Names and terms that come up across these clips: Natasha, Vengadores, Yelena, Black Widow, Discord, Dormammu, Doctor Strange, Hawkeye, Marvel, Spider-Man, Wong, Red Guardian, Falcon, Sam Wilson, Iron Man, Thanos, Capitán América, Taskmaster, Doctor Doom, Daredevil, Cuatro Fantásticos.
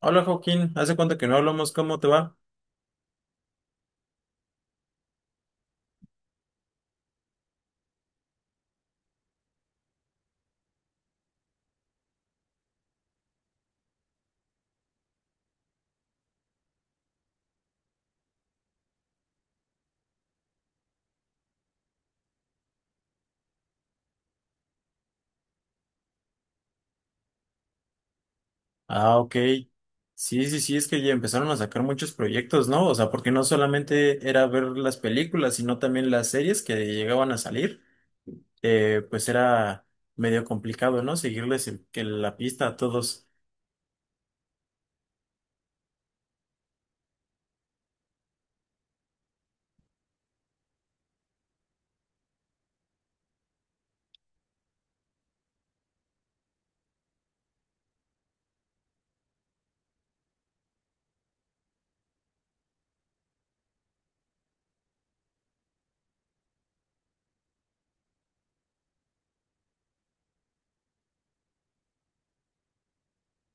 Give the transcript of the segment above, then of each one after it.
Hola Joaquín, ¿hace cuánto que no hablamos? ¿Cómo te va? Ah, ok. Sí, sí, sí, es que ya empezaron a sacar muchos proyectos, ¿no? O sea, porque no solamente era ver las películas, sino también las series que llegaban a salir. Pues era medio complicado, ¿no? Que la pista a todos.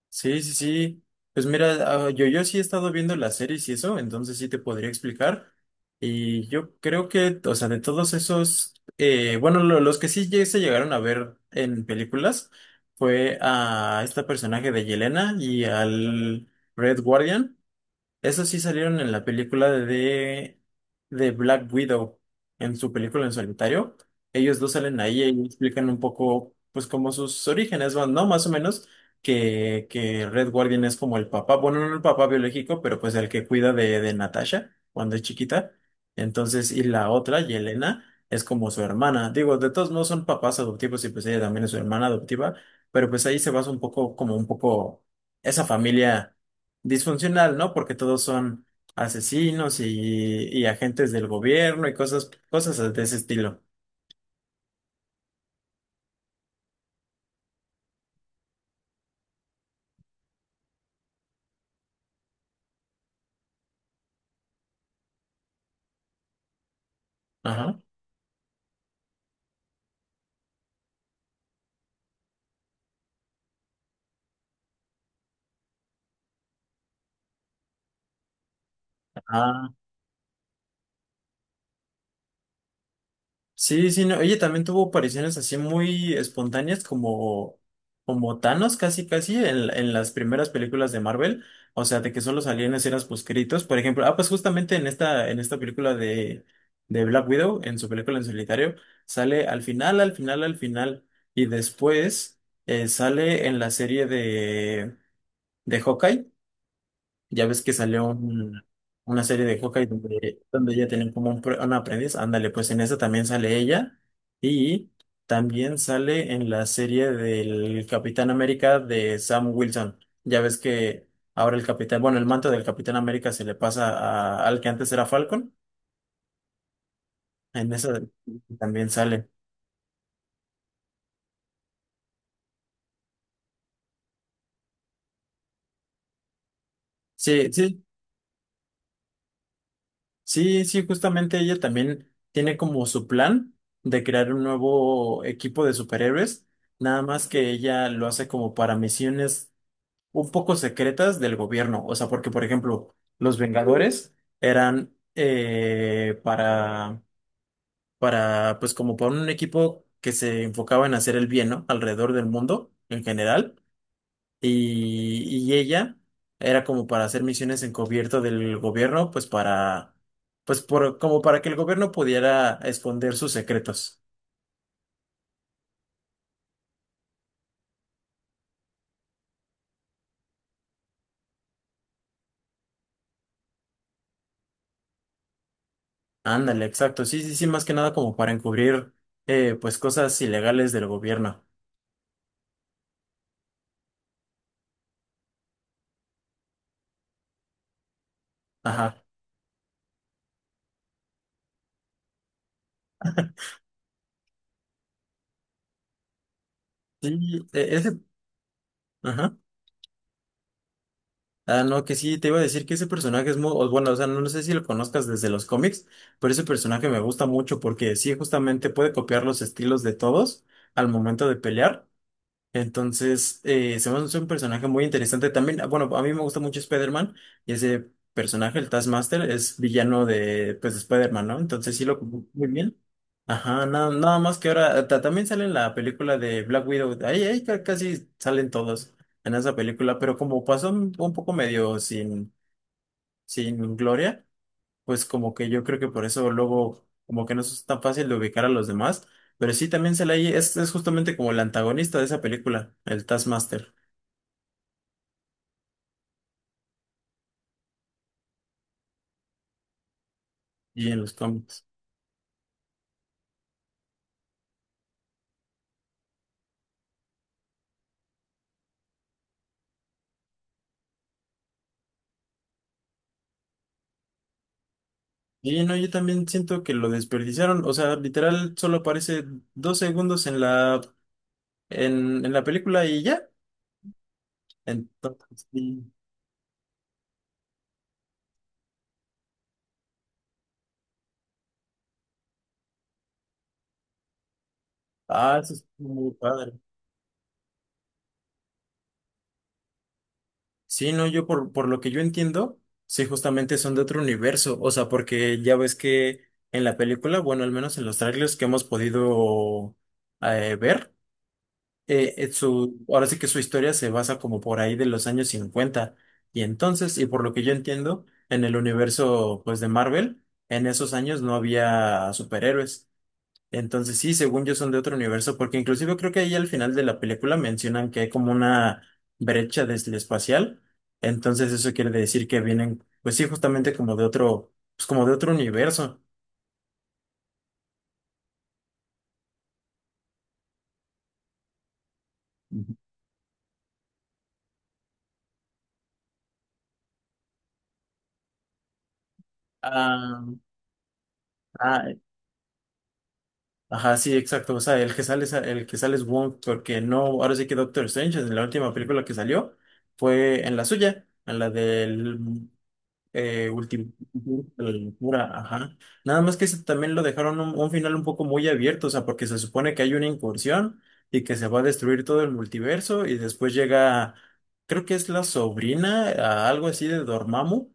Sí, sí, sí. Pues mira, yo sí he estado viendo las series y eso, entonces sí te podría explicar. Y yo creo que, o sea, de todos esos, bueno, los que se llegaron a ver en películas fue a este personaje de Yelena y al Red Guardian. Esos sí salieron en la película de Black Widow, en su película en solitario. Ellos dos salen ahí y explican un poco, pues, como sus orígenes van, ¿no? Más o menos, que Red Guardian es como el papá, bueno, no el papá biológico, pero pues el que cuida de Natasha cuando es chiquita. Entonces, y la otra, Yelena, es como su hermana. Digo, de todos modos son papás adoptivos y pues ella también es su hermana adoptiva, pero pues ahí se basa un poco, como un poco esa familia disfuncional, ¿no? Porque todos son asesinos y agentes del gobierno y cosas, cosas de ese estilo. Ajá. Ah, sí, sí, no. Oye, también tuvo apariciones así muy espontáneas como, como Thanos, casi, casi, en las primeras películas de Marvel. O sea, de que solo salían escenas poscritos. Por ejemplo, ah, pues justamente en esta película de Black Widow, en su película en solitario, sale al final, al final, al final. Y después sale en la serie de Hawkeye. Ya ves que una serie de Hawkeye donde, donde ella tenía como una aprendiz. Ándale, pues en esa también sale ella. Y también sale en la serie del Capitán América de Sam Wilson. Ya ves que ahora el capitán, bueno, el manto del Capitán América se le pasa al que antes era Falcon. En esa también sale. Sí, sí, sí, sí, justamente ella también tiene como su plan de crear un nuevo equipo de superhéroes, nada más que ella lo hace como para misiones un poco secretas del gobierno, o sea, porque por ejemplo, los Vengadores eran para, pues como para un equipo que se enfocaba en hacer el bien, ¿no? Alrededor del mundo en general. Y ella era como para hacer misiones encubierto del gobierno, pues para, pues por, como para que el gobierno pudiera esconder sus secretos. Ándale, exacto. Sí, sí, sí, más que nada como para encubrir, pues cosas ilegales del gobierno. Ajá. Sí, e- ese, ajá. Ah, no, que sí, te iba a decir que ese personaje es muy, o bueno, o sea, no, no sé si lo conozcas desde los cómics, pero ese personaje me gusta mucho porque sí, justamente puede copiar los estilos de todos al momento de pelear. Entonces, se me hace un personaje muy interesante también. Bueno, a mí me gusta mucho Spider-Man y ese personaje, el Taskmaster, es villano de, pues, de Spider-Man, ¿no? Entonces sí lo ocupó muy bien. Ajá, nada, nada más que ahora también sale en la película de Black Widow. Ahí, casi salen todos en esa película, pero como pasó un poco medio sin, sin gloria, pues como que yo creo que por eso luego como que no es tan fácil de ubicar a los demás, pero sí también es justamente como el antagonista de esa película, el Taskmaster, y en los cómics. Y no, yo también siento que lo desperdiciaron, o sea, literal solo aparece dos segundos en la película y ya. Entonces, sí. Ah, eso es muy padre. Sí, no, yo por lo que yo entiendo, sí, justamente son de otro universo, o sea, porque ya ves que en la película, bueno, al menos en los trailers que hemos podido ver, ahora sí que su historia se basa como por ahí de los años 50 y entonces, y por lo que yo entiendo, en el universo, pues, de Marvel, en esos años no había superhéroes, entonces sí, según yo son de otro universo, porque inclusive creo que ahí al final de la película mencionan que hay como una brecha desde espacial. Entonces eso quiere decir que vienen, pues sí, justamente como de otro, pues como de otro universo. Ujú. Ah, ah, ajá, sí, exacto. O sea, el que sale es, el que sale es Wong, porque no, ahora sí que Doctor Strange en la última película que salió fue en la suya, en la del último, la locura, ajá. Nada más que ese también lo dejaron un final un poco muy abierto, o sea, porque se supone que hay una incursión y que se va a destruir todo el multiverso y después llega, creo que es la sobrina, a algo así de Dormammu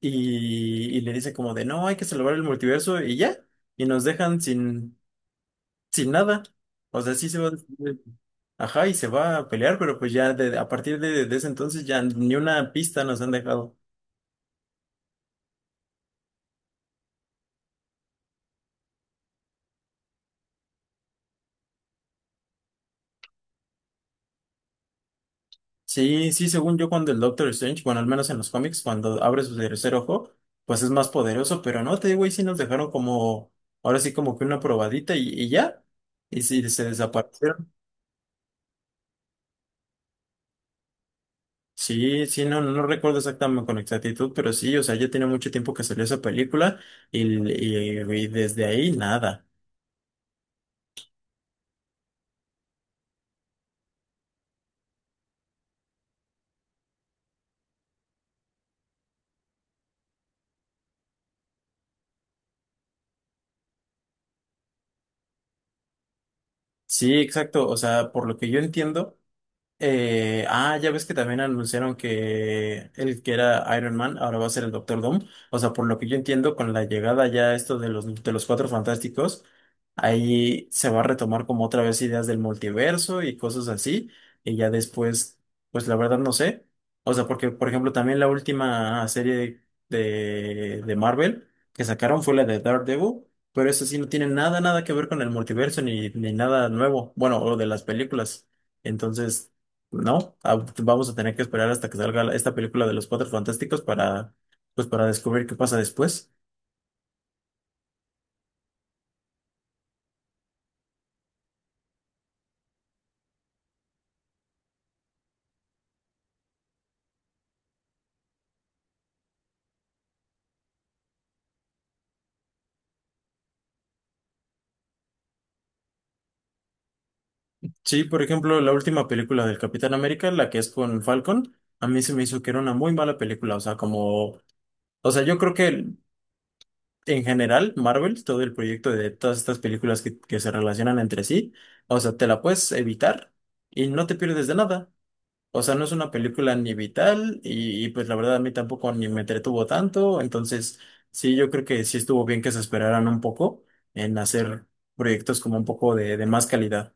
y le dice como de, no, hay que salvar el multiverso y ya, y nos dejan sin, sin nada. O sea, sí se va a destruir. Ajá, y se va a pelear, pero pues ya a partir de ese entonces ya ni una pista nos han dejado. Sí, sí, según yo, cuando el Doctor Strange, bueno, al menos en los cómics, cuando abre su tercer ojo, pues es más poderoso, pero no, te digo, ahí sí nos dejaron como, ahora sí como que una probadita y ya, y sí, se desaparecieron. Sí, sí, no, no recuerdo exactamente con exactitud, pero sí, o sea, ya tiene mucho tiempo que salió esa película y, y desde ahí nada. Sí, exacto, o sea, por lo que yo entiendo. Ya ves que también anunciaron que el que era Iron Man ahora va a ser el Doctor Doom. O sea, por lo que yo entiendo, con la llegada ya esto de los Cuatro Fantásticos, ahí se va a retomar como otra vez ideas del multiverso y cosas así. Y ya después, pues la verdad no sé. O sea, porque, por ejemplo, también la última serie de Marvel que sacaron fue la de Daredevil. Pero eso sí no tiene nada, nada que ver con el multiverso ni, ni nada nuevo. Bueno, o de las películas. Entonces. No, pues vamos a tener que esperar hasta que salga esta película de los Cuatro Fantásticos para, pues, para descubrir qué pasa después. Sí, por ejemplo, la última película del Capitán América, la que es con Falcon, a mí se me hizo que era una muy mala película. O sea, como, o sea, yo creo que en general Marvel, todo el proyecto de todas estas películas que se relacionan entre sí, o sea, te la puedes evitar y no te pierdes de nada. O sea, no es una película ni vital y, pues la verdad a mí tampoco ni me entretuvo tanto. Entonces, sí, yo creo que sí estuvo bien que se esperaran un poco en hacer proyectos como un poco de más calidad.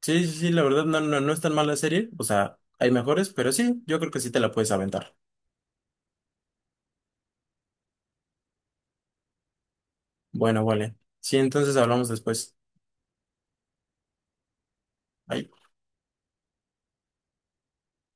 Sí, sí, sí, la verdad no, no, no es tan mala serie. O sea, hay mejores, pero sí, yo creo que sí te la puedes aventar. Bueno, vale. Sí, entonces hablamos después. Bye.